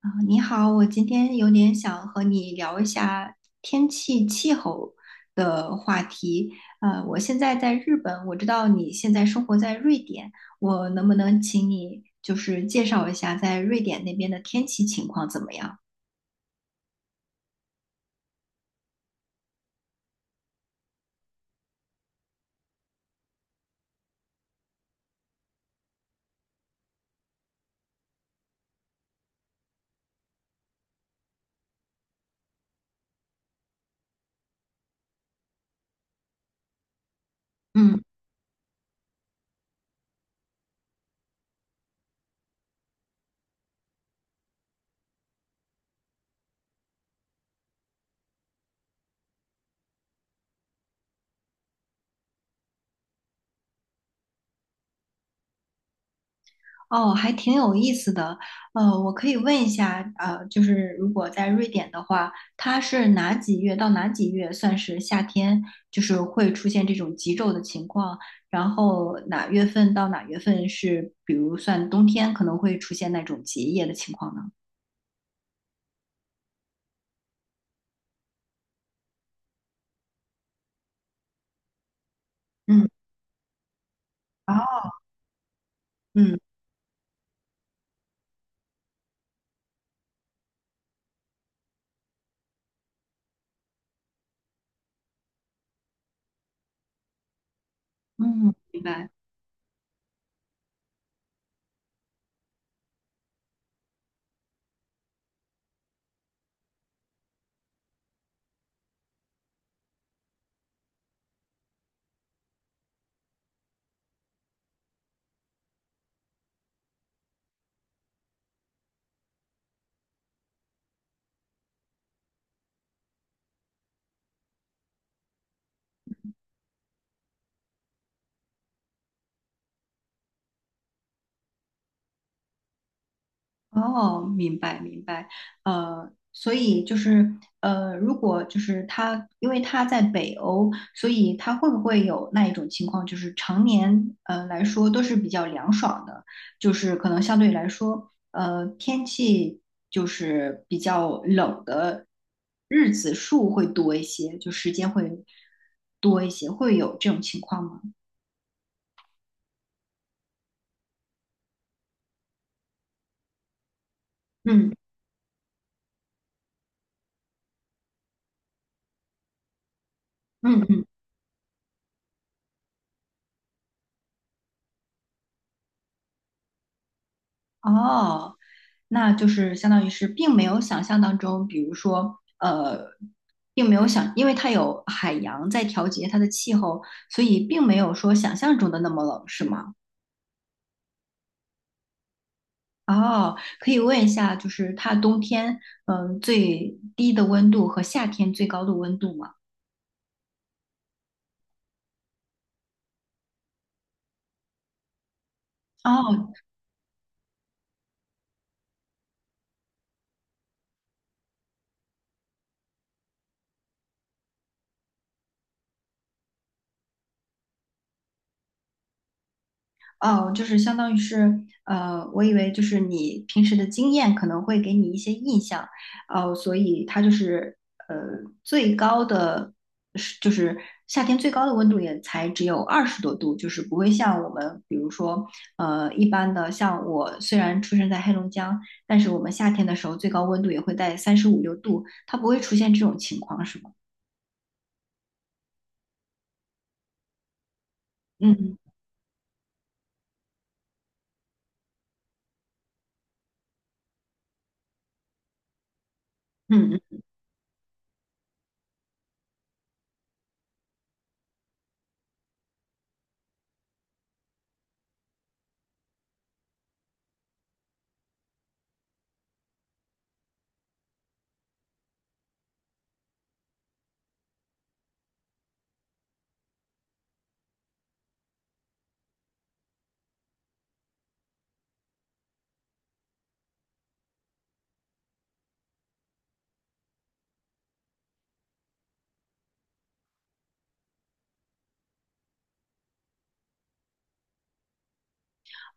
啊，你好，我今天有点想和你聊一下天气气候的话题。我现在在日本，我知道你现在生活在瑞典，我能不能请你就是介绍一下在瑞典那边的天气情况怎么样？嗯。哦，还挺有意思的。我可以问一下，就是如果在瑞典的话，它是哪几月到哪几月算是夏天，就是会出现这种极昼的情况？然后哪月份到哪月份是，比如算冬天可能会出现那种结夜的情况呢？嗯哦，嗯嗯，明白。哦，明白明白，所以就是如果就是他，因为他在北欧，所以他会不会有那一种情况，就是常年来说都是比较凉爽的，就是可能相对来说，天气就是比较冷的日子数会多一些，就时间会多一些，会有这种情况吗？嗯嗯。哦，那就是相当于是并没有想象当中，比如说，并没有想，因为它有海洋在调节它的气候，所以并没有说想象中的那么冷，是吗？哦，可以问一下，就是它冬天，最低的温度和夏天最高的温度吗？哦，哦，就是相当于是，我以为就是你平时的经验可能会给你一些印象，哦，所以它就是呃最高的是，就是夏天最高的温度也才只有20多度，就是不会像我们比如说一般的，像我虽然出生在黑龙江，但是我们夏天的时候最高温度也会在三十五六度，它不会出现这种情况，是吗？嗯嗯嗯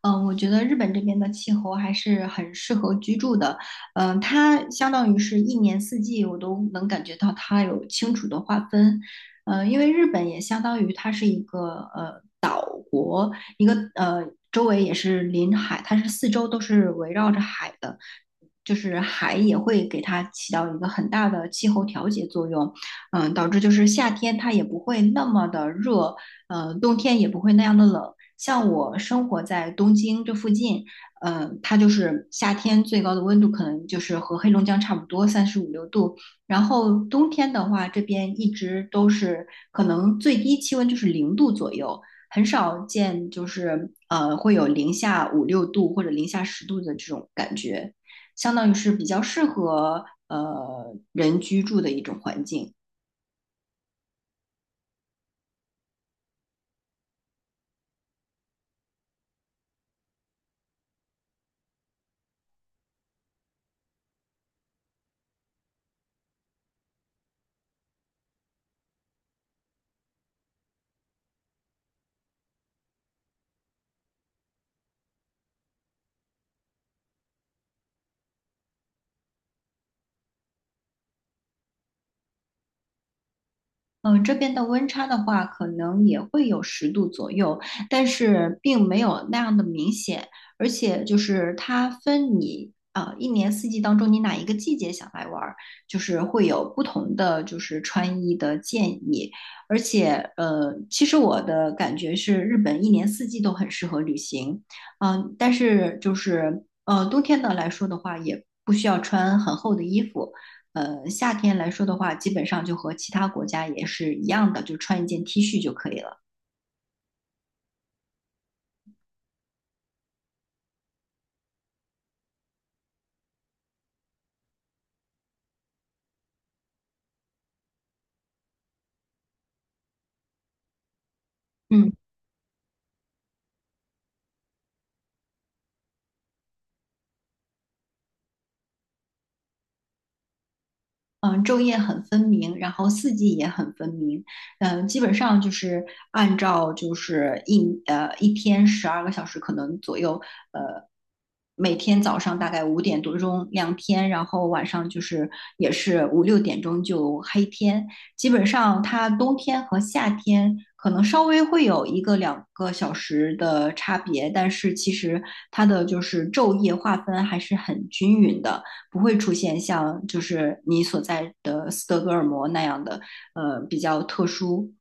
嗯，我觉得日本这边的气候还是很适合居住的。嗯，它相当于是一年四季，我都能感觉到它有清楚的划分。嗯，因为日本也相当于它是呃一个，周围也是临海，它是四周都是围绕着海的，就是海也会给它起到一个很大的气候调节作用，导致就是夏天它也不会那么的热，冬天也不会那样的冷。像我生活在东京这附近，它就是夏天最高的温度可能就是和黑龙江差不多，三十五六度。然后冬天的话，这边一直都是可能最低气温就是0度左右，很少见，就是会有零下五六度或者零下10度的这种感觉，相当于是比较适合人居住的一种环境。嗯，这边的温差的话，可能也会有10度左右，但是并没有那样的明显。而且就是它分你啊，一年四季当中，你哪一个季节想来玩儿，就是会有不同的就是穿衣的建议。而且其实我的感觉是，日本一年四季都很适合旅行。但是就是冬天的来说的话，也不需要穿很厚的衣服。夏天来说的话，基本上就和其他国家也是一样的，就穿一件 T 恤就可以了。嗯。嗯，昼夜很分明，然后四季也很分明。嗯，基本上就是按照就是一天12个小时可能左右，呃，每天早上大概五点多钟亮天，然后晚上就是也是五六点钟就黑天。基本上它冬天和夏天可能稍微会有一个两个小时的差别，但是其实它的就是昼夜划分还是很均匀的。不会出现像就是你所在的斯德哥尔摩那样的比较特殊。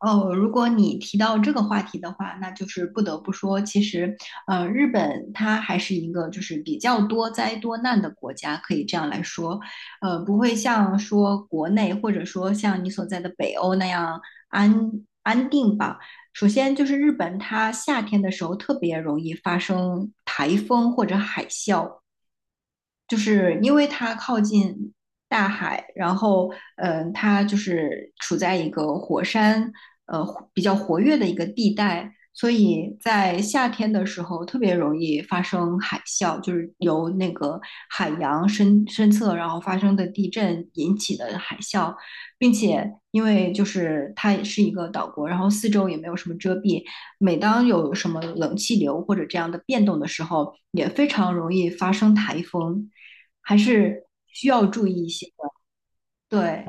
哦，如果你提到这个话题的话，那就是不得不说，其实，日本它还是一个就是比较多灾多难的国家，可以这样来说，不会像说国内或者说像你所在的北欧那样安安定吧。首先就是日本，它夏天的时候特别容易发生台风或者海啸，就是因为它靠近大海，然后它就是处在一个火山呃比较活跃的一个地带，所以在夏天的时候特别容易发生海啸，就是由那个海洋深深侧然后发生的地震引起的海啸，并且因为就是它也是一个岛国，然后四周也没有什么遮蔽，每当有什么冷气流或者这样的变动的时候，也非常容易发生台风。还是需要注意一些的。对，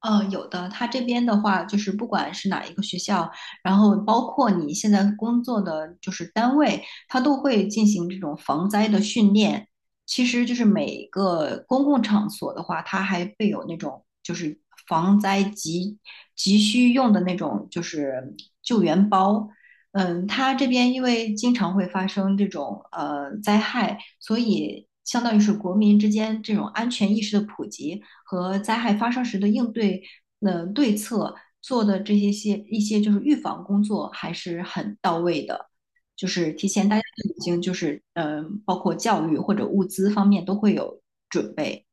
有的，他这边的话，就是不管是哪一个学校，然后包括你现在工作的就是单位，他都会进行这种防灾的训练。其实就是每个公共场所的话，它还会有那种就是防灾急需用的那种就是救援包，嗯，它这边因为经常会发生这种灾害，所以相当于是国民之间这种安全意识的普及和灾害发生时的应对，对策做的这些些一些就是预防工作还是很到位的，就是提前大家都已经就是包括教育或者物资方面都会有准备。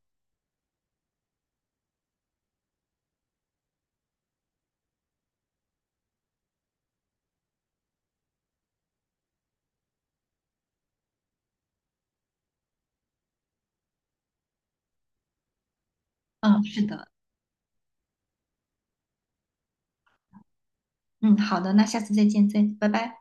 嗯，是的，嗯，好的，那下次再见，再拜拜。